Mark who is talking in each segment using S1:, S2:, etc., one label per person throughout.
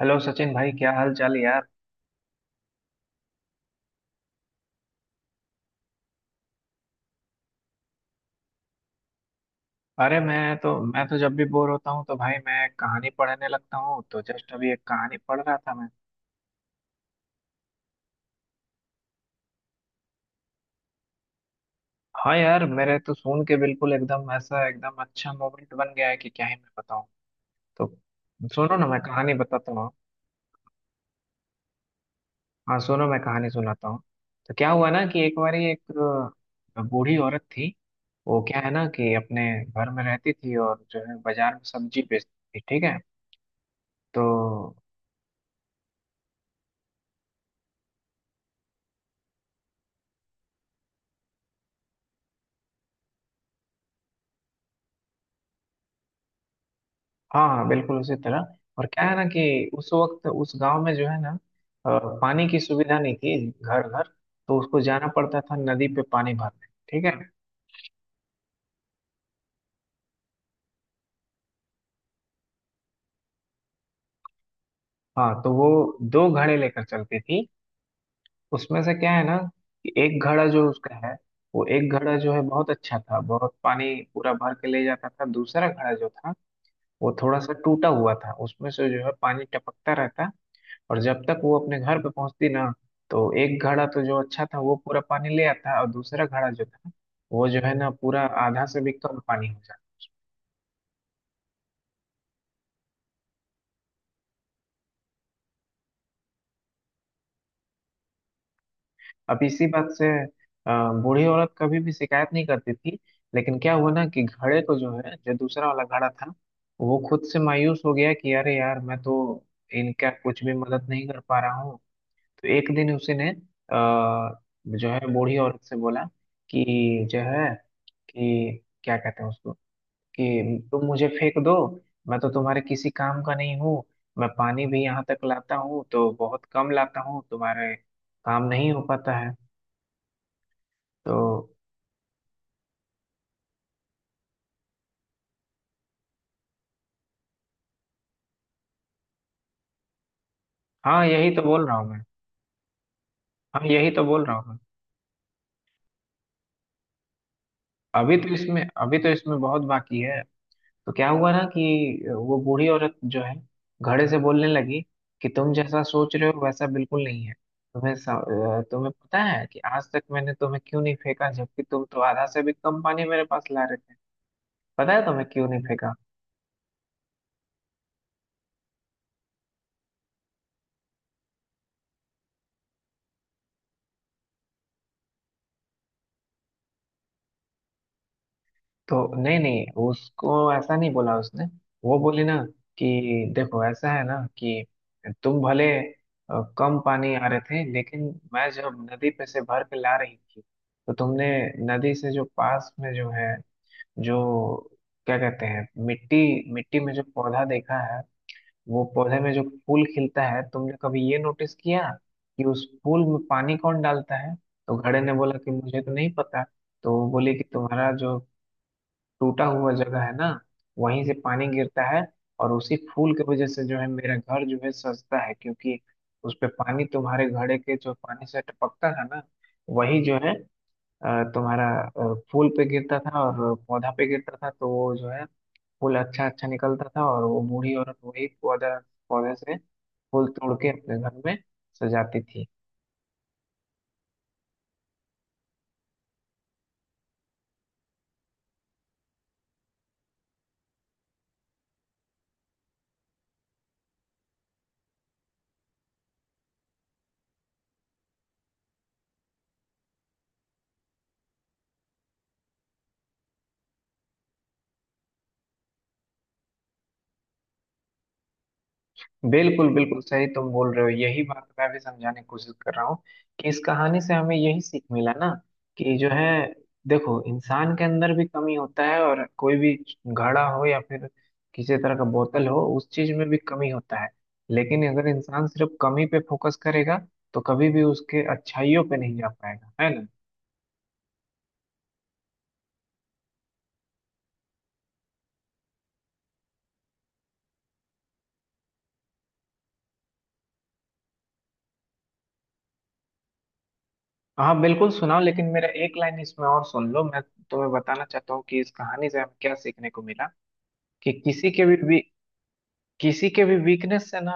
S1: Hello Sachin भाई, क्या हाल चाल यार? अरे मैं तो जब भी बोर होता हूँ तो भाई मैं कहानी पढ़ने लगता हूँ, तो जस्ट अभी एक कहानी पढ़ रहा था मैं। हाँ यार, मेरे तो सुन के बिल्कुल एकदम ऐसा एकदम अच्छा मोमेंट बन गया है कि क्या ही मैं बताऊँ। तो सुनो ना मैं कहानी बताता हूँ हाँ सुनो, मैं कहानी सुनाता हूँ। तो क्या हुआ ना कि एक बारी एक बूढ़ी औरत थी। वो क्या है ना कि अपने घर में रहती थी और जो है बाजार में सब्जी बेचती थी, ठीक है। तो हाँ हाँ, बिल्कुल उसी तरह। और क्या है ना कि उस वक्त उस गांव में जो है ना पानी की सुविधा नहीं थी घर घर। तो उसको जाना पड़ता था नदी पे पानी भरने, ठीक है। हाँ, तो वो दो घड़े लेकर चलती थी। उसमें से क्या है ना कि एक घड़ा जो उसका है, वो एक घड़ा जो है बहुत अच्छा था, बहुत पानी पूरा भर के ले जाता था। दूसरा घड़ा जो था, वो थोड़ा सा टूटा हुआ था, उसमें से जो है पानी टपकता रहता। और जब तक वो अपने घर पे पहुंचती ना, तो एक घड़ा तो जो अच्छा था वो पूरा पानी ले आता, और दूसरा घड़ा जो था वो जो है ना पूरा आधा से भी कम पानी हो जाता। अब इसी बात से बूढ़ी औरत कभी भी शिकायत नहीं करती थी। लेकिन क्या हुआ ना कि घड़े को जो है, जो दूसरा वाला घड़ा था, वो खुद से मायूस हो गया कि अरे यार, मैं तो इनका कुछ भी मदद नहीं कर पा रहा हूँ। तो एक दिन उसी ने जो है बूढ़ी औरत से बोला कि जो है, कि क्या कहते हैं उसको, कि तुम मुझे फेंक दो। मैं तो तुम्हारे किसी काम का नहीं हूँ। मैं पानी भी यहाँ तक लाता हूँ तो बहुत कम लाता हूँ, तुम्हारे काम नहीं हो पाता है। तो हाँ यही तो बोल रहा हूँ मैं हाँ यही तो बोल रहा हूँ मैं। अभी तो इसमें बहुत बाकी है। तो क्या हुआ ना कि वो बूढ़ी औरत जो है घड़े से बोलने लगी कि तुम जैसा सोच रहे हो वैसा बिल्कुल नहीं है। तुम्हें पता है कि आज तक मैंने तुम्हें क्यों नहीं फेंका, जबकि तुम तो आधा से भी कम पानी मेरे पास ला रहे? पता है तुम्हें क्यों नहीं फेंका? तो नहीं नहीं, उसको ऐसा नहीं बोला उसने। वो बोली ना कि देखो, ऐसा है ना कि तुम भले कम पानी आ रहे थे लेकिन मैं जब नदी पे से भर के ला रही थी तो तुमने नदी से, जो पास में जो है, जो क्या कहते हैं मिट्टी, मिट्टी में जो पौधा देखा है, वो पौधे में जो फूल खिलता है, तुमने कभी ये नोटिस किया कि उस फूल में पानी कौन डालता है? तो घड़े ने बोला कि मुझे तो नहीं पता। तो वो बोली कि तुम्हारा जो टूटा हुआ जगह है ना, वहीं से पानी गिरता है। और उसी फूल की वजह से जो है मेरा घर जो है सजता है, क्योंकि उस पे पानी, तुम्हारे घड़े के जो पानी से टपकता था ना, वही जो है तुम्हारा फूल पे गिरता था और पौधा पे गिरता था, तो वो जो है फूल अच्छा अच्छा निकलता था। और वो बूढ़ी औरत वही पौधा पौधे से फूल तोड़ के अपने घर में सजाती थी। बिल्कुल बिल्कुल सही तुम बोल रहे हो, यही बात मैं भी समझाने की कोशिश कर रहा हूँ कि इस कहानी से हमें यही सीख मिला ना, कि जो है, देखो इंसान के अंदर भी कमी होता है, और कोई भी घड़ा हो या फिर किसी तरह का बोतल हो, उस चीज में भी कमी होता है। लेकिन अगर इंसान सिर्फ कमी पे फोकस करेगा तो कभी भी उसके अच्छाइयों पे नहीं जा पाएगा, है ना। हाँ बिल्कुल सुनाओ, लेकिन मेरा एक लाइन इसमें और सुन लो। मैं तुम्हें बताना चाहता हूँ कि इस कहानी से हमें क्या सीखने को मिला, कि किसी के भी वीकनेस से ना,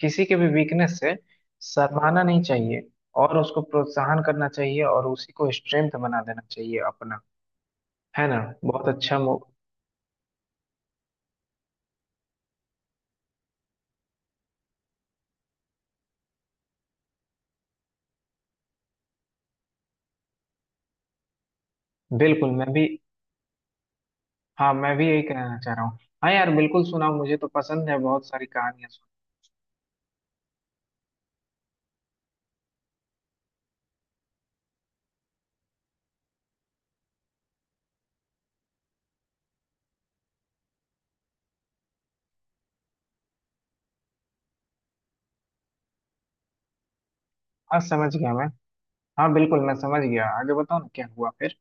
S1: किसी के भी वीकनेस से शर्माना नहीं चाहिए, और उसको प्रोत्साहन करना चाहिए और उसी को स्ट्रेंथ बना देना चाहिए अपना, है ना। बहुत अच्छा मो। बिल्कुल, मैं भी। हाँ मैं भी यही कहना चाह रहा हूँ। हाँ यार बिल्कुल सुनाओ, मुझे तो पसंद है बहुत सारी कहानियां सुन। हाँ समझ गया मैं। हाँ बिल्कुल मैं समझ गया, आगे बताओ ना क्या हुआ फिर।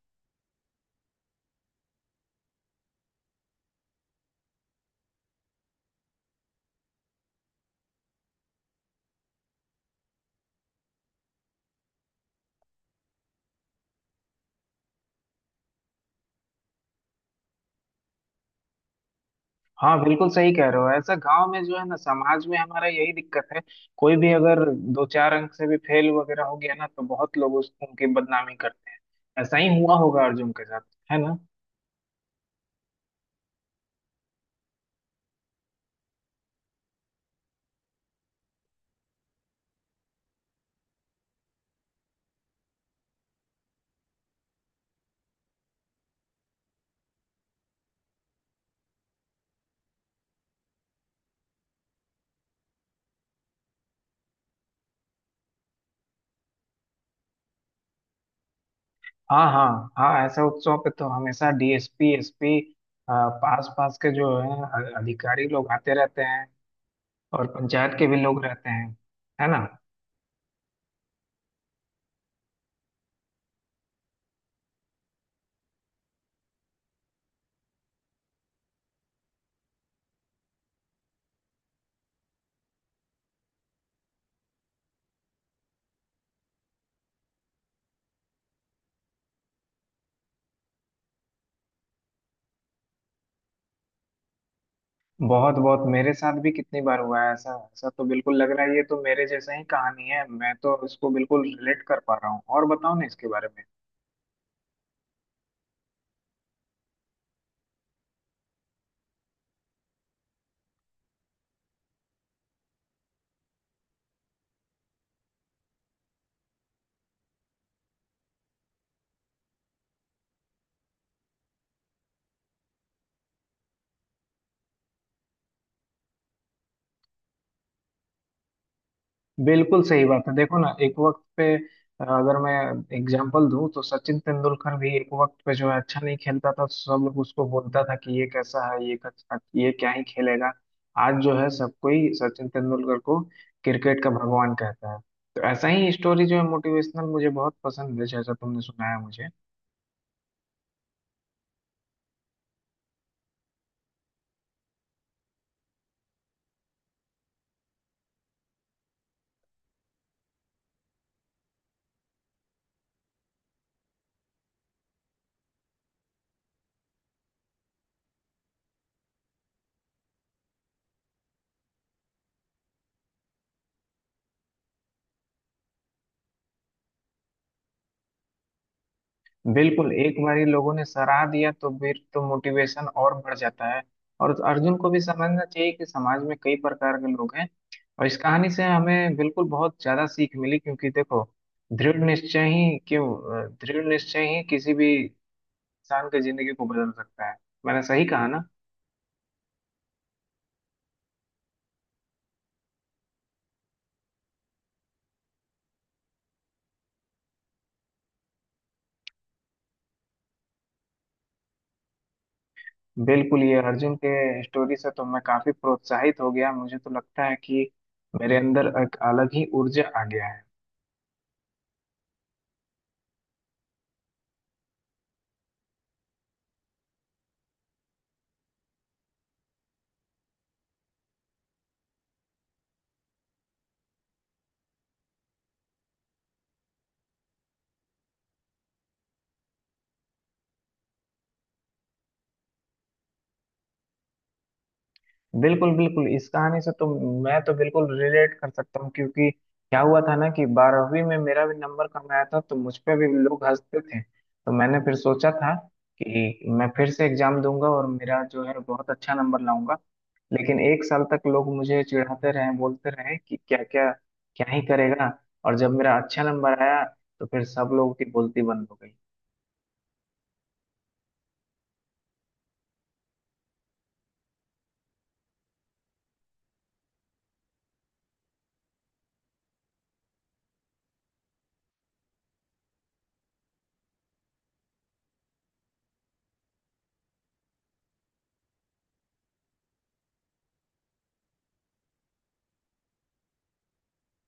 S1: हाँ बिल्कुल सही कह रहे हो, ऐसा गांव में जो है ना, समाज में हमारा यही दिक्कत है। कोई भी अगर दो चार अंक से भी फेल वगैरह हो गया ना, तो बहुत लोग उस उनकी बदनामी करते हैं। ऐसा ही हुआ होगा अर्जुन के साथ, है ना। हाँ हाँ। हाँ, ऐसा उत्सव पे तो हमेशा डीएसपी एसपी, पास पास के जो है अधिकारी लोग आते रहते हैं, और पंचायत के भी लोग रहते हैं, है ना। बहुत बहुत, मेरे साथ भी कितनी बार हुआ है ऐसा। ऐसा तो बिल्कुल लग रहा है, ये तो मेरे जैसा ही कहानी है, मैं तो इसको बिल्कुल रिलेट कर पा रहा हूँ। और बताओ ना इसके बारे में। बिल्कुल सही बात है। देखो ना, एक वक्त पे अगर मैं एग्जांपल दूं तो सचिन तेंदुलकर भी एक वक्त पे जो है अच्छा नहीं खेलता था, सब लोग उसको बोलता था कि ये कैसा है, ये कैसा, ये क्या ही खेलेगा। आज जो है सब कोई सचिन तेंदुलकर को क्रिकेट का भगवान कहता है। तो ऐसा ही स्टोरी जो है मोटिवेशनल मुझे बहुत पसंद है, जैसा तुमने सुनाया मुझे। बिल्कुल, एक बार ही लोगों ने सराह दिया तो फिर तो मोटिवेशन और बढ़ जाता है। और अर्जुन को भी समझना चाहिए कि समाज में कई प्रकार के लोग हैं। और इस कहानी से हमें बिल्कुल बहुत ज्यादा सीख मिली, क्योंकि देखो दृढ़ निश्चय ही क्यों दृढ़ निश्चय ही किसी भी इंसान की जिंदगी को बदल सकता है। मैंने सही कहा ना। बिल्कुल, ये अर्जुन के स्टोरी से तो मैं काफी प्रोत्साहित हो गया, मुझे तो लगता है कि मेरे अंदर एक अलग ही ऊर्जा आ गया है। बिल्कुल बिल्कुल, इस कहानी से तो मैं तो बिल्कुल रिलेट कर सकता हूँ, क्योंकि क्या हुआ था ना कि 12वीं में मेरा भी नंबर कम आया था, तो मुझ पे भी लोग हंसते थे, तो मैंने फिर सोचा था कि मैं फिर से एग्जाम दूंगा और मेरा जो है बहुत अच्छा नंबर लाऊंगा। लेकिन एक साल तक लोग मुझे चिढ़ाते रहे, बोलते रहे कि क्या क्या, क्या ही करेगा। और जब मेरा अच्छा नंबर आया तो फिर सब लोगों की बोलती बंद हो गई।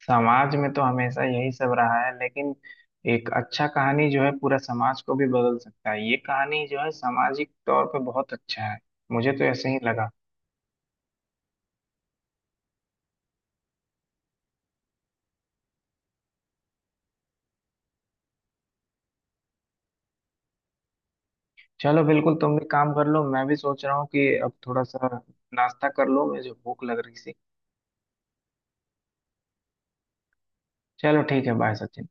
S1: समाज में तो हमेशा यही सब रहा है, लेकिन एक अच्छा कहानी जो है पूरा समाज को भी बदल सकता है। ये कहानी जो है सामाजिक तौर पे बहुत अच्छा है, मुझे तो ऐसे ही लगा। चलो बिल्कुल, तुम भी काम कर लो, मैं भी सोच रहा हूँ कि अब थोड़ा सा नाश्ता कर लो, मुझे भूख लग रही सी। चलो ठीक है, बाय सचिन।